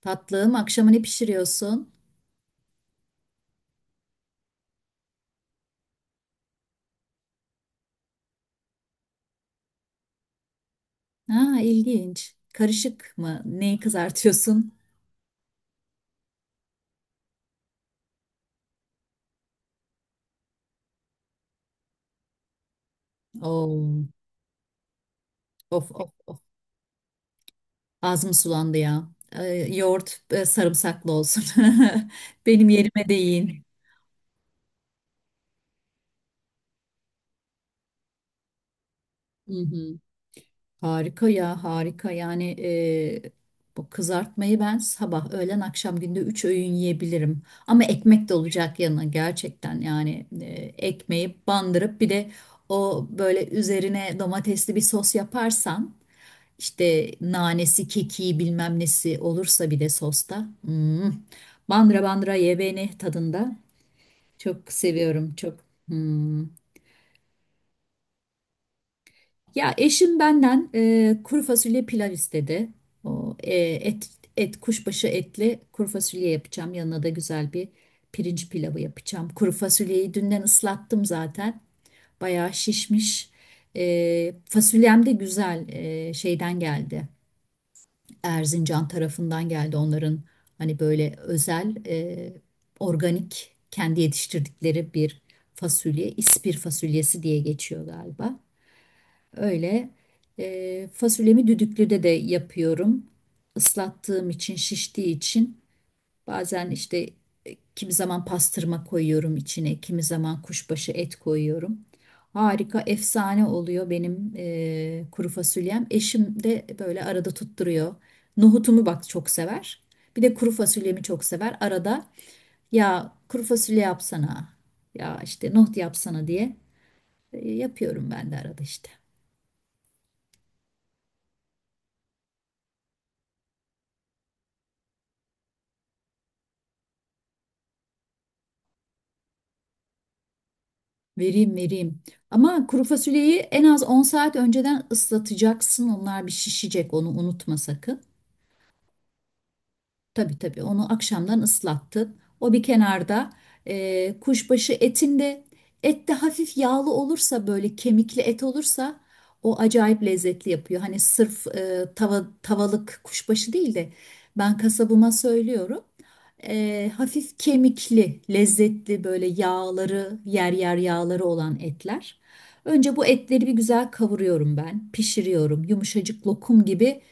Tatlım, akşama ne pişiriyorsun? Ha, ilginç. Karışık mı? Neyi kızartıyorsun? Oo, of of of. Ağzım sulandı ya. Yoğurt sarımsaklı olsun. Benim yerime değin. Hı hı. Harika ya, harika. Yani bu kızartmayı ben sabah, öğlen, akşam günde üç öğün yiyebilirim. Ama ekmek de olacak yanına gerçekten. Yani ekmeği bandırıp bir de o böyle üzerine domatesli bir sos yaparsan. İşte nanesi, kekiği bilmem nesi olursa bir de sosta. Hmm. Bandıra bandıra ye beni tadında. Çok seviyorum çok. Hmm. Ya eşim benden kuru fasulye pilav istedi. O, et kuşbaşı etli kuru fasulye yapacağım. Yanına da güzel bir pirinç pilavı yapacağım. Kuru fasulyeyi dünden ıslattım zaten. Bayağı şişmiş. Fasulyem de güzel şeyden geldi. Erzincan tarafından geldi onların hani böyle özel organik kendi yetiştirdikleri bir fasulye ispir fasulyesi diye geçiyor galiba. Öyle fasulyemi düdüklüde de yapıyorum. Islattığım için şiştiği için bazen işte kimi zaman pastırma koyuyorum içine, kimi zaman kuşbaşı et koyuyorum. Harika, efsane oluyor benim kuru fasulyem. Eşim de böyle arada tutturuyor. Nohutumu bak çok sever. Bir de kuru fasulyemi çok sever. Arada ya kuru fasulye yapsana, ya işte nohut yapsana diye yapıyorum ben de arada işte. Vereyim vereyim. Ama kuru fasulyeyi en az 10 saat önceden ıslatacaksın. Onlar bir şişecek, onu unutma sakın. Tabii tabii onu akşamdan ıslattın. O bir kenarda, kuşbaşı etinde et de hafif yağlı olursa böyle kemikli et olursa o acayip lezzetli yapıyor. Hani sırf tava, tavalık kuşbaşı değil de ben kasabıma söylüyorum. Hafif kemikli, lezzetli böyle yağları yer yer yağları olan etler. Önce bu etleri bir güzel kavuruyorum ben, pişiriyorum. Yumuşacık lokum gibi.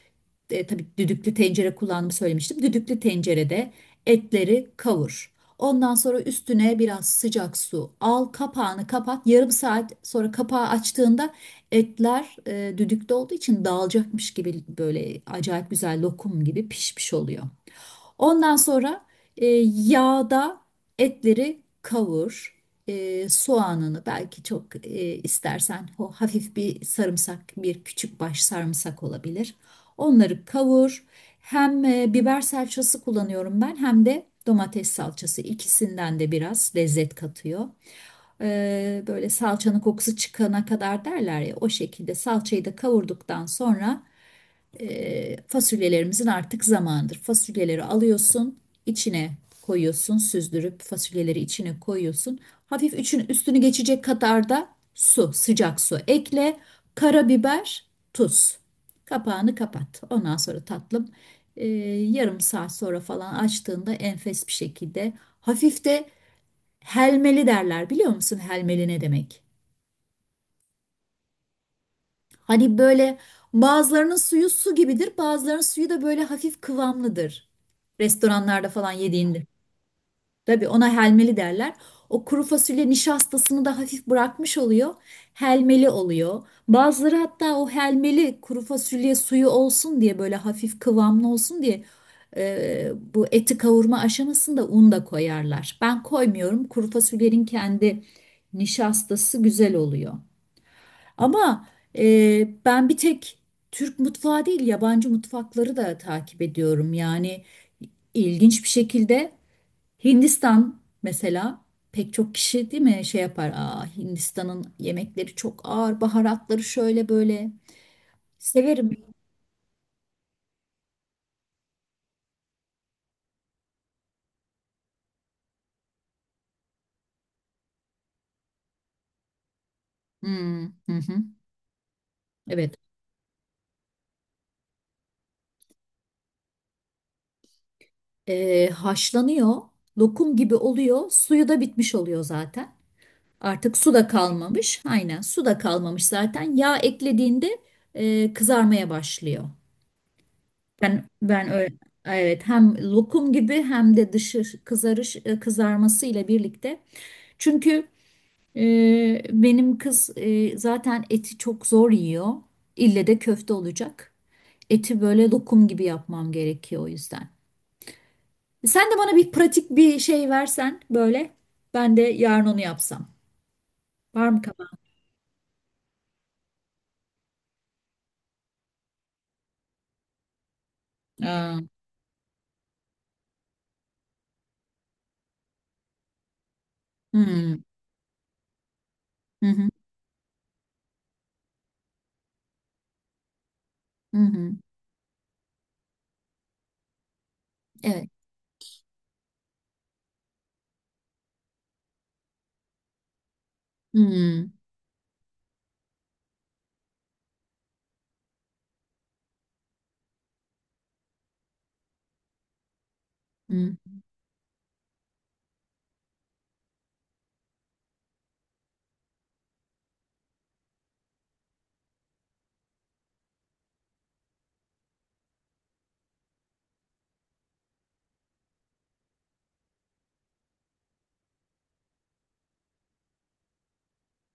Tabii düdüklü tencere kullandığımı söylemiştim. Düdüklü tencerede etleri kavur. Ondan sonra üstüne biraz sıcak su al, kapağını kapat. Yarım saat sonra kapağı açtığında etler, düdükte olduğu için dağılacakmış gibi böyle acayip güzel lokum gibi pişmiş oluyor. Ondan sonra e, yağda etleri kavur. Soğanını belki çok istersen o hafif bir sarımsak, bir küçük baş sarımsak olabilir. Onları kavur. Hem biber salçası kullanıyorum ben hem de domates salçası. İkisinden de biraz lezzet katıyor. Böyle salçanın kokusu çıkana kadar derler ya, o şekilde salçayı da kavurduktan sonra fasulyelerimizin artık zamanıdır. Fasulyeleri alıyorsun, içine koyuyorsun, süzdürüp fasulyeleri içine koyuyorsun. Hafif üçün üstünü geçecek kadar da su, sıcak su ekle, karabiber, tuz. Kapağını kapat. Ondan sonra tatlım, e, yarım saat sonra falan açtığında enfes bir şekilde hafif de helmeli derler, biliyor musun helmeli ne demek? Hani böyle bazılarının suyu su gibidir, bazılarının suyu da böyle hafif kıvamlıdır. Restoranlarda falan yediğinde. Tabii ona helmeli derler. O kuru fasulye nişastasını da hafif bırakmış oluyor. Helmeli oluyor. Bazıları hatta o helmeli kuru fasulye suyu olsun diye, böyle hafif kıvamlı olsun diye bu eti kavurma aşamasında un da koyarlar. Ben koymuyorum. Kuru fasulyenin kendi nişastası güzel oluyor. Ama ben bir tek Türk mutfağı değil, yabancı mutfakları da takip ediyorum. Yani ilginç bir şekilde Hindistan mesela, pek çok kişi değil mi şey yapar. Aa, Hindistan'ın yemekleri çok ağır, baharatları şöyle böyle. Severim. Hmm, hı hı, evet. Haşlanıyor, lokum gibi oluyor, suyu da bitmiş oluyor zaten. Artık su da kalmamış, aynen su da kalmamış zaten. Yağ eklediğinde kızarmaya başlıyor. Ben öyle evet, hem lokum gibi hem de dışı kızarış kızarması ile birlikte. Çünkü benim kız, zaten eti çok zor yiyor. İlle de köfte olacak. Eti böyle lokum gibi yapmam gerekiyor o yüzden. Sen de bana bir pratik bir şey versen böyle, ben de yarın onu yapsam. Var mı kafanda? Aa, hmm, hı hı. Hı hı. Evet. Hmm, hı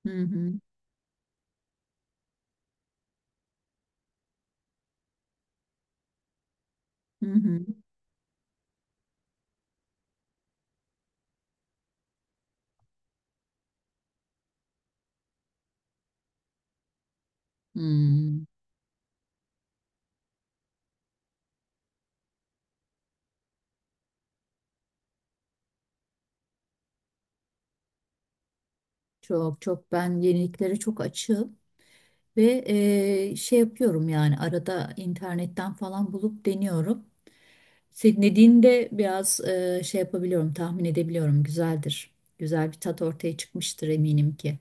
hı, hı hı, hı hı, hı. Çok, çok ben yeniliklere çok açığım ve şey yapıyorum yani arada internetten falan bulup deniyorum. Senin dediğinde biraz şey yapabiliyorum, tahmin edebiliyorum güzeldir. Güzel bir tat ortaya çıkmıştır eminim ki.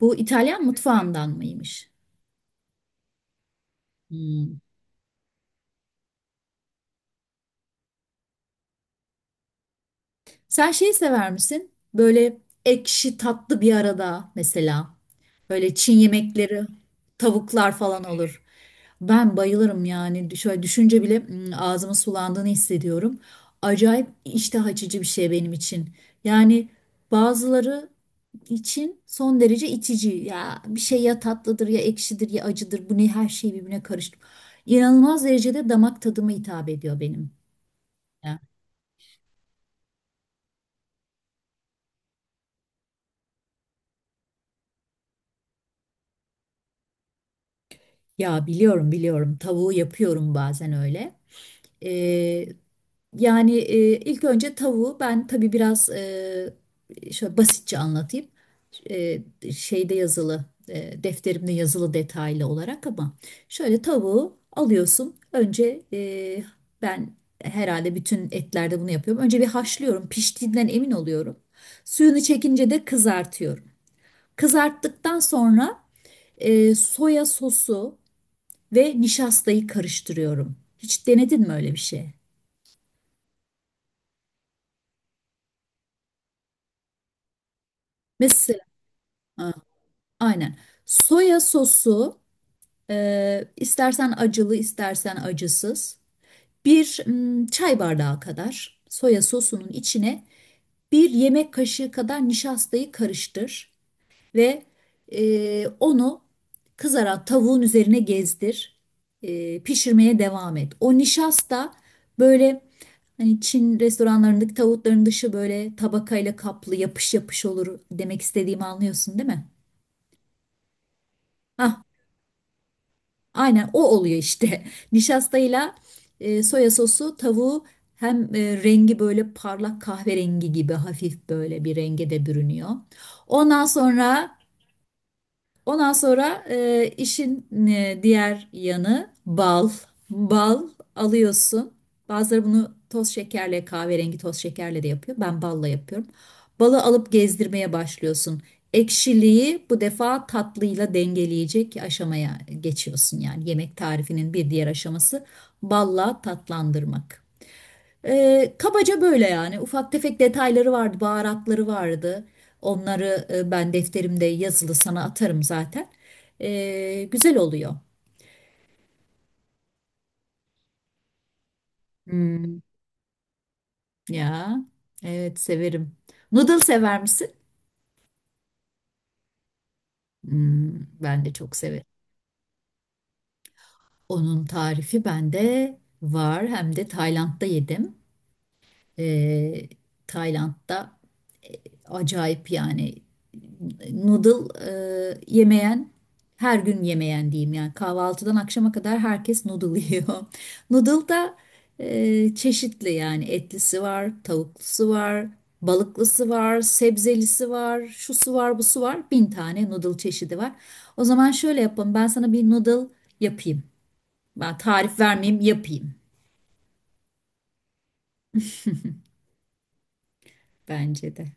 Bu İtalyan mutfağından mıymış? Hmm. Sen şeyi sever misin? Böyle ekşi tatlı bir arada mesela. Böyle Çin yemekleri, tavuklar falan olur. Ben bayılırım yani. Şöyle düşünce bile ağzımın sulandığını hissediyorum. Acayip iştah açıcı bir şey benim için. Yani bazıları için son derece itici. Ya bir şey ya tatlıdır ya ekşidir ya acıdır. Bu ne, her şey birbirine karıştı. İnanılmaz derecede damak tadıma hitap ediyor benim. Ya biliyorum biliyorum, tavuğu yapıyorum bazen öyle. Ee, yani ilk önce tavuğu ben tabii biraz şöyle basitçe anlatayım. Ee, şeyde yazılı, defterimde yazılı detaylı olarak, ama şöyle tavuğu alıyorsun. Önce ben herhalde bütün etlerde bunu yapıyorum. Önce bir haşlıyorum, piştiğinden emin oluyorum. Suyunu çekince de kızartıyorum. Kızarttıktan sonra soya sosu ve nişastayı karıştırıyorum. Hiç denedin mi öyle bir şey? Mesela ha, aynen. Soya sosu, istersen acılı istersen acısız. Bir çay bardağı kadar soya sosunun içine bir yemek kaşığı kadar nişastayı karıştır. Ve onu kızaran tavuğun üzerine gezdir. Pişirmeye devam et. O nişasta böyle, hani Çin restoranlarındaki tavukların dışı böyle tabakayla kaplı yapış yapış olur, demek istediğimi anlıyorsun değil mi? Ah, aynen o oluyor işte. Nişastayla soya sosu tavuğu hem rengi böyle parlak kahverengi gibi hafif böyle bir renge de bürünüyor. Ondan sonra ondan sonra işin diğer yanı bal. Bal alıyorsun. Bazıları bunu toz şekerle, kahverengi toz şekerle de yapıyor. Ben balla yapıyorum. Balı alıp gezdirmeye başlıyorsun. Ekşiliği bu defa tatlıyla dengeleyecek aşamaya geçiyorsun yani. Yemek tarifinin bir diğer aşaması balla tatlandırmak. Kabaca böyle yani, ufak tefek detayları vardı, baharatları vardı. Onları ben defterimde yazılı, sana atarım zaten. Güzel oluyor. Hmm, ya, evet severim. Noodle sever misin? Hmm, ben de çok severim. Onun tarifi bende var. Hem de Tayland'da yedim. e, Tayland'da E, acayip yani, noodle yemeyen, her gün yemeyen diyeyim yani, kahvaltıdan akşama kadar herkes noodle yiyor. Noodle da çeşitli yani, etlisi var, tavuklusu var, balıklısı var, sebzelisi var, şusu var, busu var. Bin tane noodle çeşidi var. O zaman şöyle yapalım. Ben sana bir noodle yapayım. Ben tarif vermeyeyim, yapayım, bence de.